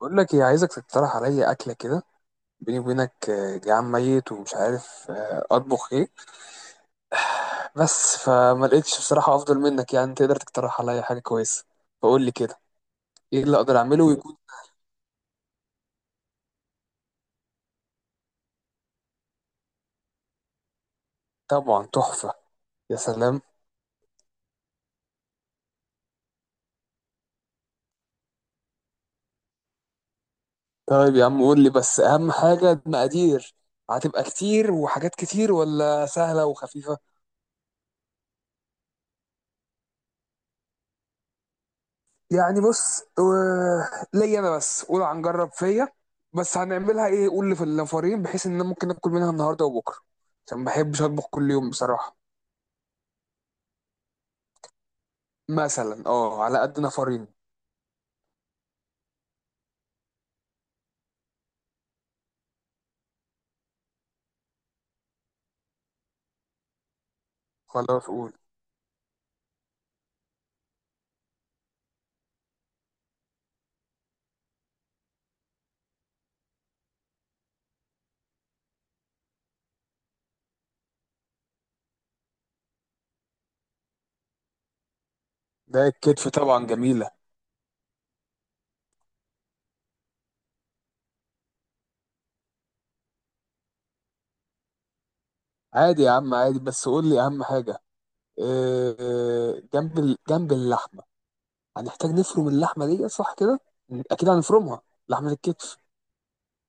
بقول لك ايه؟ عايزك تقترح عليا اكله كده. بيني وبينك جعان ميت ومش عارف اطبخ ايه. بس فما لقيتش بصراحه افضل منك، يعني تقدر تقترح عليا حاجه كويسه. فقول لي كده. ايه اللي اقدر اعمله ويكون؟ طبعا تحفه. يا سلام. طيب يا عم، قول لي بس اهم حاجه المقادير. هتبقى كتير وحاجات كتير ولا سهله وخفيفه؟ يعني بص، ليا انا بس، قول هنجرب فيا. بس هنعملها ايه؟ قول لي في النفرين، بحيث ان انا ممكن اكل منها النهارده وبكره، عشان ما بحبش اطبخ كل يوم بصراحه. مثلا على قد نفرين. خلاص قول. ده الكتف طبعا جميله. عادي يا عم عادي، بس قول لي اهم حاجه. جنب جنب اللحمه. هنحتاج نفرم اللحمه دي، صح كده؟ اكيد هنفرمها. لحمه الكتف،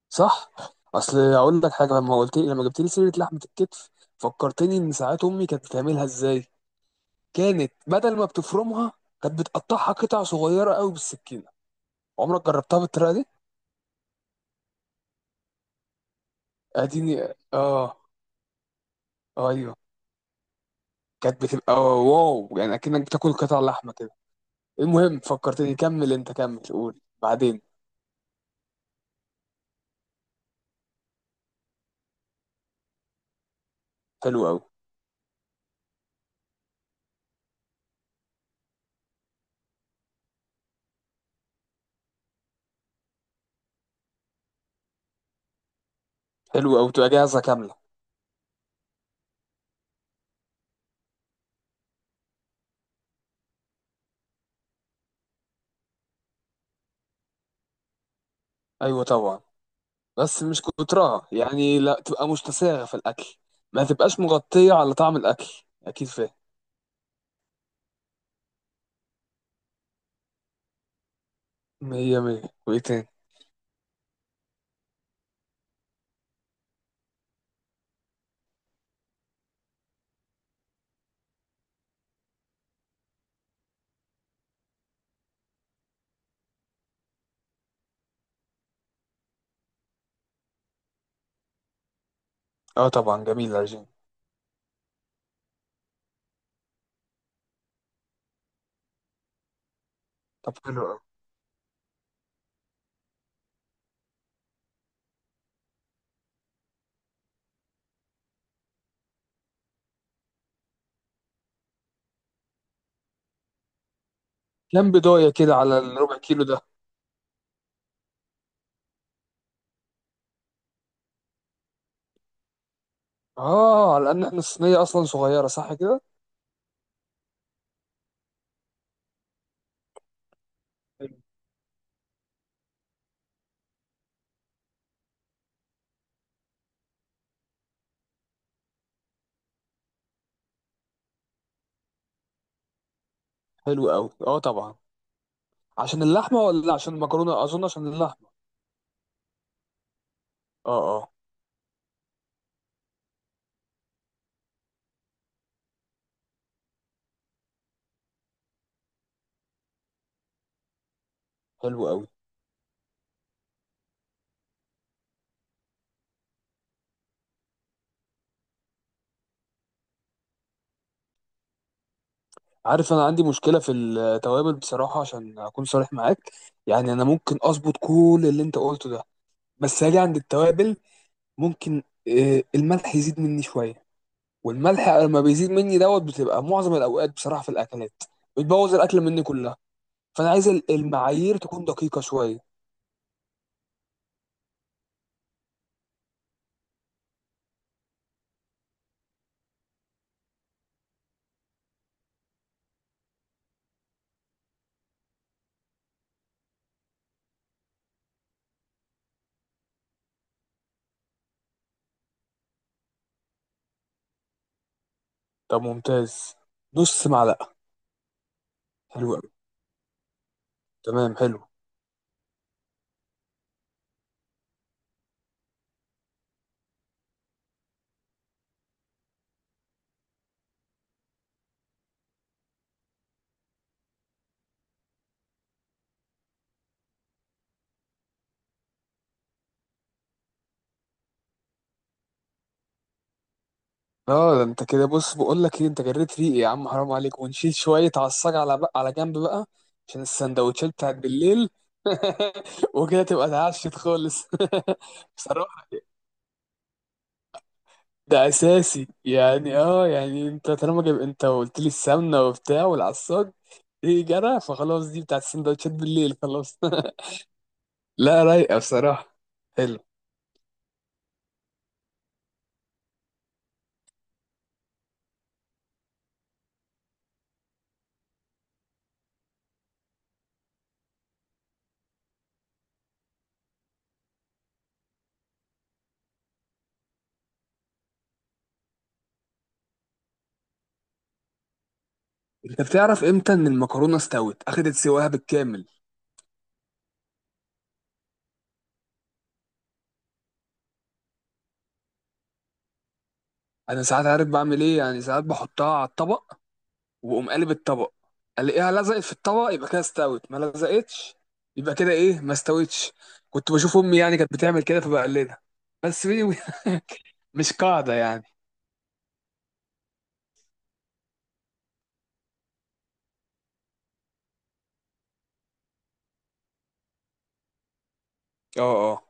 صح. اصل اقول لك حاجه، لما قلت لي، لما جبت لي سيره لحمه الكتف، فكرتني ان ساعات امي كانت بتعملها ازاي. كانت بدل ما بتفرمها، كانت بتقطعها قطع صغيره قوي بالسكينه. عمرك جربتها بالطريقه دي؟ اديني اه. ايوه. كانت بتبقى واو يعني، اكنك بتاكل قطع لحمه كده. المهم فكرتني، كمل انت كمل، قول بعدين. حلو قوي. حلو قوي، تبقى جاهزه كامله. ايوه طبعا، بس مش كترها يعني، لا تبقى مشتساغة في الأكل. ما تبقاش مغطية على طعم الأكل. أكيد فاهم. مية مية. وإيه تاني؟ أه طبعا، جميل العجين. طب حلو أوي. كام بداية كده على الربع كيلو ده؟ أه على إن إحنا الصينية أصلا صغيرة، صح كده؟ حلو. حلو أوي، أه طبعا. عشان اللحمة ولا عشان المكرونة؟ أظن عشان اللحمة. أه أه. حلو أوي. عارف، أنا عندي مشكلة في التوابل بصراحة، عشان أكون صريح معاك. يعني أنا ممكن أظبط كل اللي أنت قلته ده، بس هاجي عند التوابل. ممكن الملح يزيد مني شويه، والملح لما بيزيد مني دوت بتبقى معظم الاوقات بصراحه في الاكلات، بتبوظ الاكله مني كلها. فانا عايز المعايير تكون دقيقه شويه. طب ممتاز. نص معلقه. حلو قوي. تمام حلو. اه ده انت كده بص، بقول لك ايه، انت جريت ريقي يا عم، حرام عليك، ونشيل شويه عصاج على على جنب بقى، عشان السندوتشات بتاعت بالليل. وكده تبقى اتعشت خالص. بصراحه. ده اساسي يعني، يعني انت طالما جايب، انت قلت لي السمنه وبتاع والعصاج، ايه جرى، فخلاص دي بتاعت السندوتشات بالليل، خلاص. لا رايقه بصراحه. حلو. انت بتعرف امتى ان المكرونه استوت، اخدت سواها بالكامل؟ انا ساعات عارف بعمل ايه يعني، ساعات بحطها على الطبق، واقوم قالب الطبق. الاقيها لزقت في الطبق يبقى كده استوت، ما لزقتش يبقى كده ايه، ما استوتش. كنت بشوف امي يعني كانت بتعمل كده فبقلدها. بس دي مش قاعده يعني. اه اه.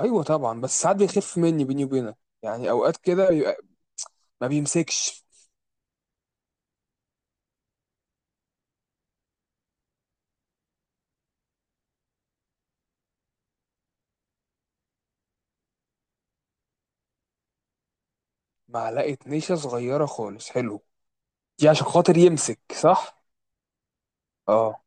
ايوه طبعا، بس ساعات بيخف مني بيني وبينك. يعني اوقات كده بيبقى ما بيمسكش. معلقه نشا صغيره خالص، حلو. دي عشان خاطر يمسك، صح. اه.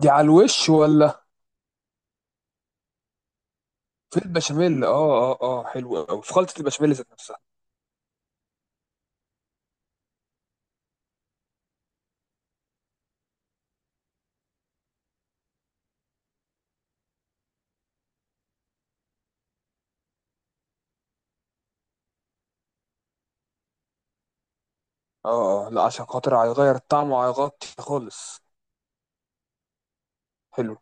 دي على الوش ولا في البشاميل؟ اه اه اه حلو قوي، في خلطه البشاميل ذات نفسها. اه اه، لا عشان خاطر هيغير الطعم وهيغطي خالص. حلو.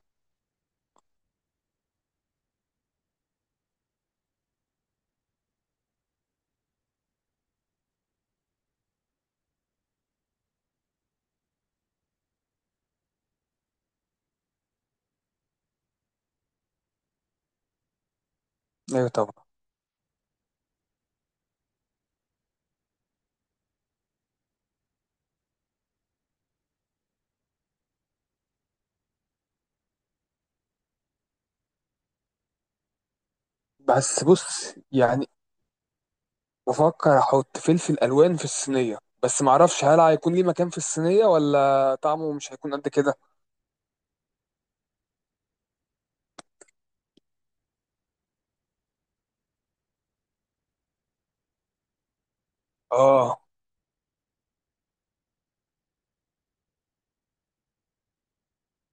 ايوه طبعا. بس بص يعني، بفكر احط فلفل الوان في الصينيه، بس معرفش هل هيكون ليه مكان في الصينيه ولا طعمه مش هيكون قد كده. اه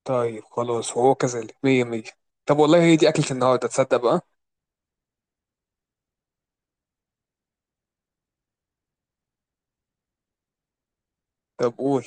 طيب خلاص، هو كذلك مية مية. طب والله هي دي أكلة النهاردة، تصدق بقى. طب قول.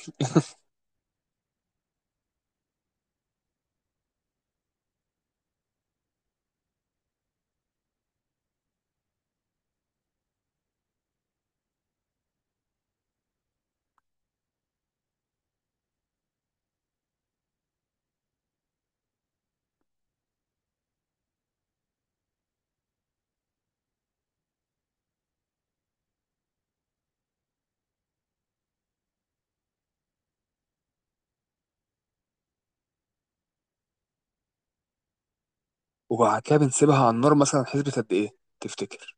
وبعد كده بنسيبها على النار مثلا، حسبة قد إيه تفتكر؟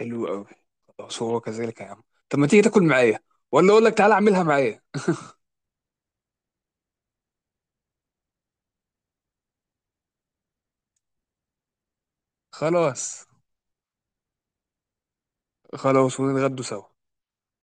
حلو أوي. خلاص هو كذلك يا عم. طب ما تيجي تاكل معايا، ولا أقول لك تعالى أعملها معايا؟ خلاص. خلاص ونتغدوا سوا.